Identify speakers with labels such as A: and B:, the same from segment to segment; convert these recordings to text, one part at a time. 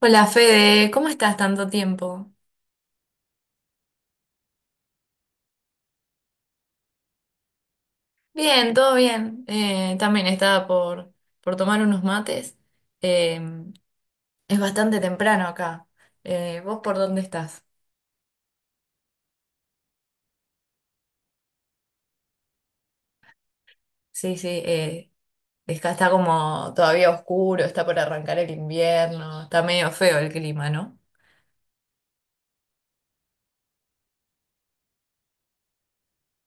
A: Hola Fede, ¿cómo estás tanto tiempo? Bien, todo bien. También estaba por tomar unos mates. Eh, es bastante temprano acá. ¿Vos por dónde estás? Sí, sí, acá está como todavía oscuro, está por arrancar el invierno, está medio feo el clima, ¿no?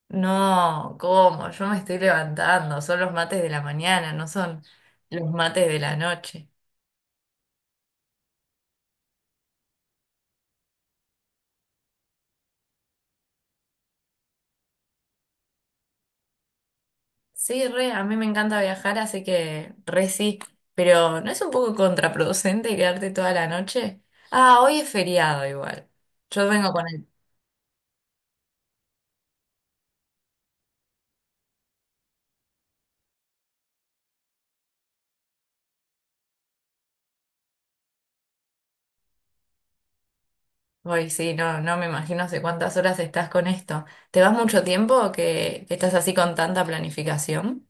A: No, ¿cómo? Yo me estoy levantando, son los mates de la mañana, no son los mates de la noche. Sí, re, a mí me encanta viajar, así que re sí, pero ¿no es un poco contraproducente quedarte toda la noche? Ah, hoy es feriado igual. Yo vengo con el... Hoy sí, no, no me imagino hace cuántas horas estás con esto. ¿Te vas mucho tiempo que estás así con tanta planificación?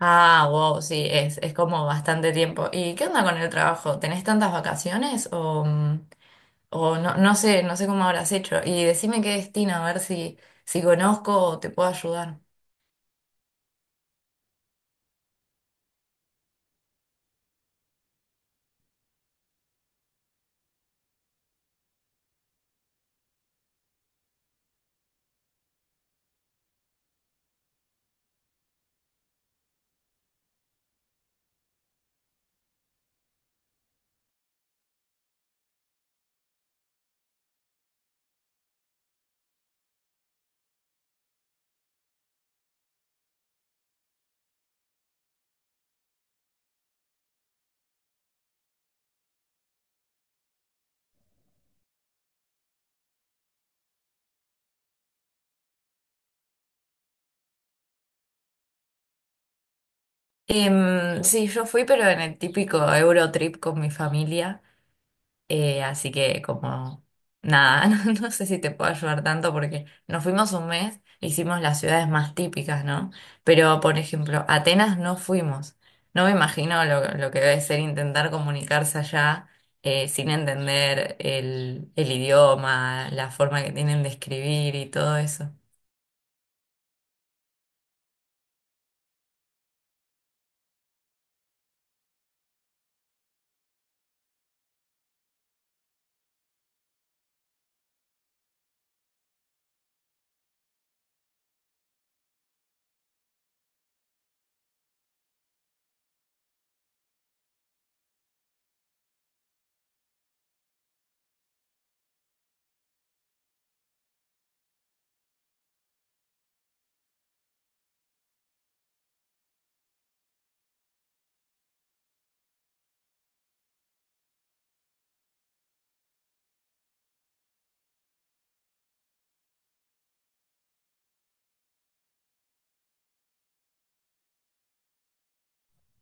A: Ah, wow, sí, es como bastante tiempo. ¿Y qué onda con el trabajo? ¿Tenés tantas vacaciones o, mm, o no, no sé, no sé cómo habrás hecho? Y decime qué destino, a ver si, si conozco o te puedo ayudar. Em, sí, yo fui, pero en el típico Eurotrip con mi familia, así que como nada, no, no sé si te puedo ayudar tanto porque nos fuimos un mes, hicimos las ciudades más típicas, ¿no? Pero, por ejemplo, Atenas no fuimos. No me imagino lo que debe ser intentar comunicarse allá sin entender el idioma, la forma que tienen de escribir y todo eso.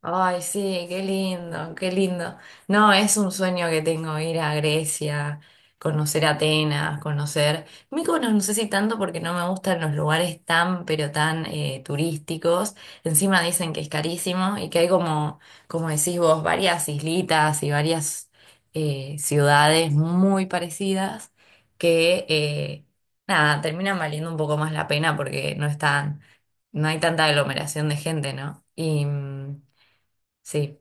A: Ay, sí, qué lindo, qué lindo. No, es un sueño que tengo ir a Grecia, conocer Atenas, conocer Mykonos, no sé si tanto porque no me gustan los lugares tan, pero tan turísticos. Encima dicen que es carísimo y que hay como, como decís vos, varias islitas y varias ciudades muy parecidas que, nada, terminan valiendo un poco más la pena porque no están, no hay tanta aglomeración de gente, ¿no? Sí,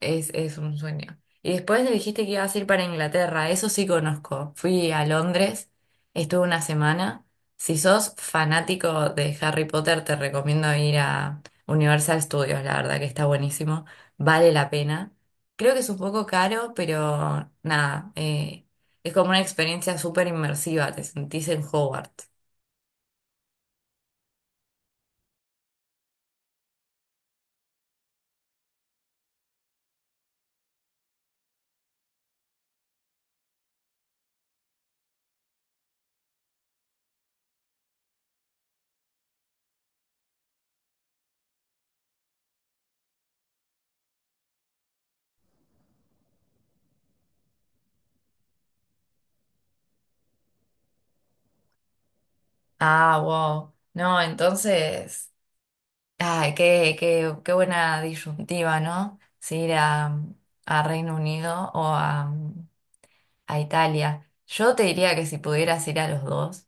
A: es un sueño. Y después le dijiste que ibas a ir para Inglaterra, eso sí conozco. Fui a Londres, estuve una semana. Si sos fanático de Harry Potter, te recomiendo ir a Universal Studios, la verdad que está buenísimo, vale la pena. Creo que es un poco caro, pero nada, es como una experiencia súper inmersiva, te sentís en Hogwarts. Ah, wow. No, entonces... Ay, qué buena disyuntiva, ¿no? Si ir a Reino Unido o a Italia. Yo te diría que si pudieras ir a los dos.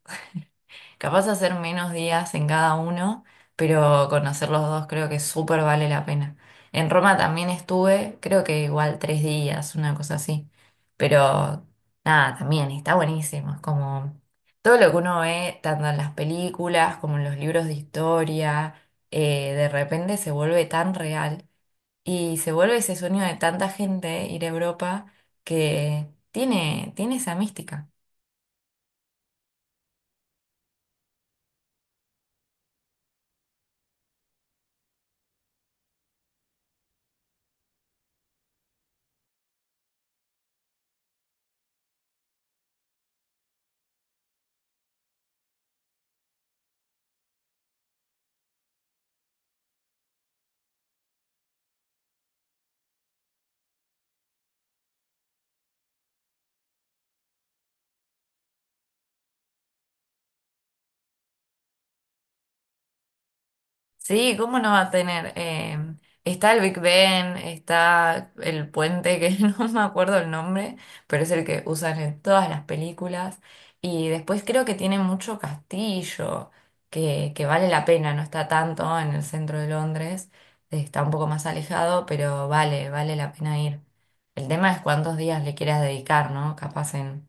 A: Capaz hacer menos días en cada uno, pero conocer los dos creo que súper vale la pena. En Roma también estuve, creo que igual tres días, una cosa así. Pero nada, también está buenísimo. Es como todo lo que uno ve, tanto en las películas como en los libros de historia, de repente se vuelve tan real y se vuelve ese sueño de tanta gente ir a Europa que tiene esa mística. Sí, ¿cómo no va a tener? Está el Big Ben, está el puente que no me acuerdo el nombre, pero es el que usan en todas las películas. Y después creo que tiene mucho castillo, que vale la pena, no está tanto en el centro de Londres, está un poco más alejado, pero vale, vale la pena ir. El tema es cuántos días le quieras dedicar, ¿no? Capaz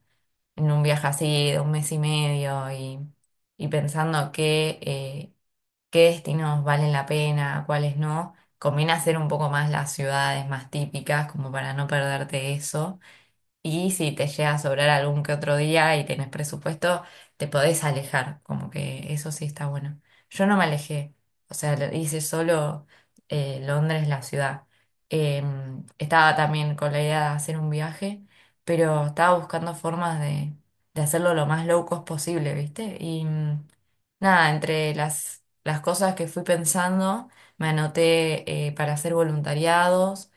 A: en un viaje así de un mes y medio y pensando que... qué destinos valen la pena, cuáles no. Conviene hacer un poco más las ciudades más típicas, como para no perderte eso. Y si te llega a sobrar algún que otro día y tenés presupuesto, te podés alejar, como que eso sí está bueno. Yo no me alejé, o sea, lo- hice solo Londres, la ciudad. Em, estaba también con la idea de hacer un viaje, pero estaba buscando formas de hacerlo lo más low cost posible, ¿viste? Y mm, nada, entre las cosas que fui pensando, me anoté para hacer voluntariados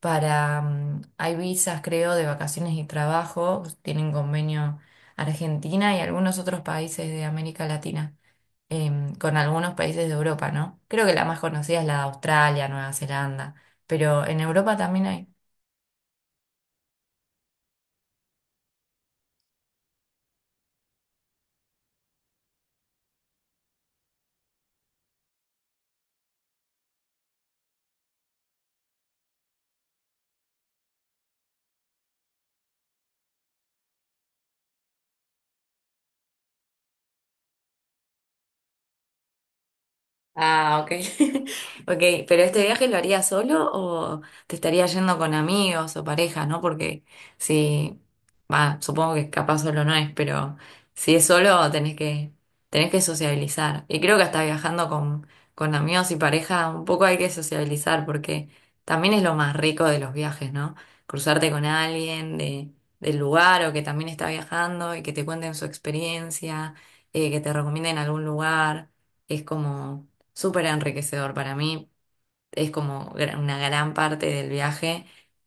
A: para, mm, hay visas, creo, de vacaciones y trabajo, tienen convenio Argentina y algunos otros países de América Latina, em, con algunos países de Europa, ¿no? Creo que la más conocida es la de Australia, Nueva Zelanda, pero en Europa también hay. Ah, ok. Ok, pero este viaje lo harías solo o te estarías yendo con amigos o pareja, ¿no? Porque si, va, supongo que capaz solo no es, pero si es solo tenés tenés que sociabilizar. Y creo que hasta viajando con amigos y pareja un poco hay que sociabilizar porque también es lo más rico de los viajes, ¿no? Cruzarte con alguien del lugar o que también está viajando y que te cuenten su experiencia, que te recomienden algún lugar. Es como súper enriquecedor para mí. Es como gra- una gran parte del viaje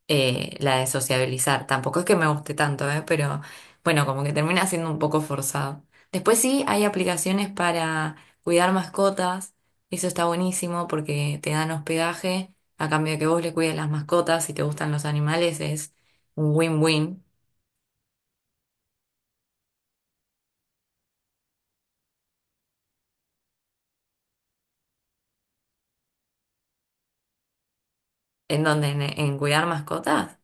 A: la de sociabilizar. Tampoco es que me guste tanto, ¿eh? Pero bueno, como que termina siendo un poco forzado. Después sí, hay aplicaciones para cuidar mascotas. Eso está buenísimo porque te dan hospedaje a cambio de que vos le cuides las mascotas. Si te gustan los animales, es un win-win. ¿En donde en cuidar mascotas?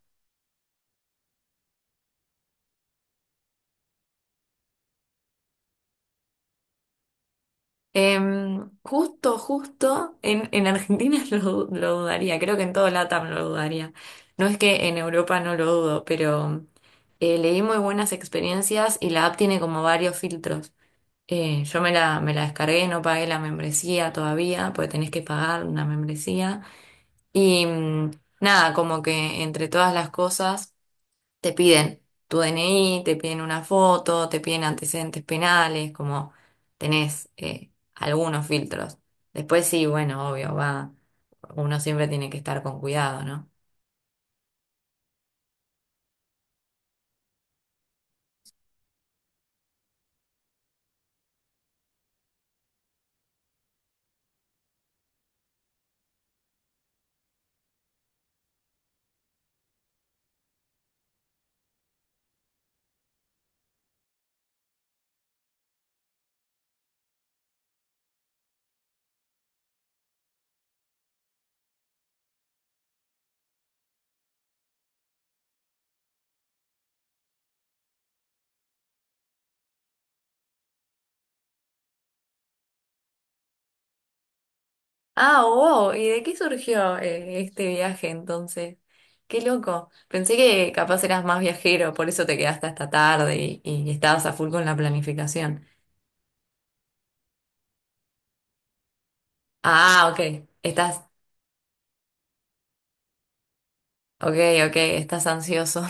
A: Em, justo, justo, en Argentina lo dudaría, creo que en todo LATAM lo dudaría. No es que en Europa no lo dudo, pero leí muy buenas experiencias y la app tiene como varios filtros. Me la descargué, no pagué la membresía todavía, porque tenés que pagar una membresía. Y mm, nada, como que entre todas las cosas te piden tu DNI, te piden una foto, te piden antecedentes penales, como tenés algunos filtros. Después sí, bueno, obvio, va, uno siempre tiene que estar con cuidado, ¿no? Ah, wow, ¿y de qué surgió este viaje entonces? Qué loco. Pensé que capaz eras más viajero, por eso te quedaste hasta tarde y estabas a full con la planificación. Ah, ok, estás, ok, ok, estás ansioso.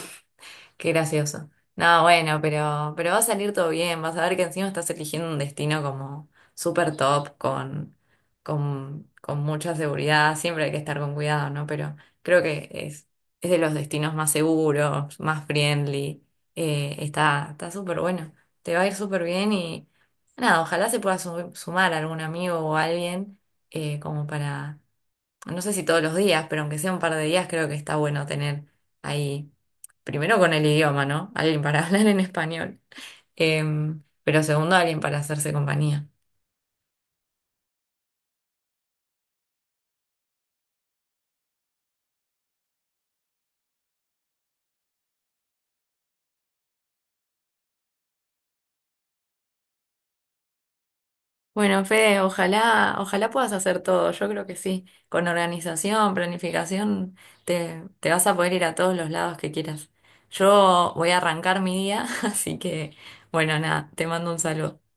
A: Qué gracioso. No, bueno, pero va a salir todo bien. Vas a ver que encima estás eligiendo un destino como súper top, con mucha seguridad. Siempre hay que estar con cuidado, ¿no? Pero creo que es de los destinos más seguros, más friendly. Está, está súper bueno. Te va a ir súper bien y nada, ojalá se pueda su- sumar algún amigo o alguien como para no sé si todos los días, pero aunque sea un par de días, creo que está bueno tener ahí, primero con el idioma, ¿no? Alguien para hablar en español, em, pero segundo, alguien para hacerse compañía. Bueno, Fede, ojalá, ojalá puedas hacer todo, yo creo que sí. Con organización, planificación, te vas a poder ir a todos los lados que quieras. Yo voy a arrancar mi día, así que, bueno, nada, te mando un saludo.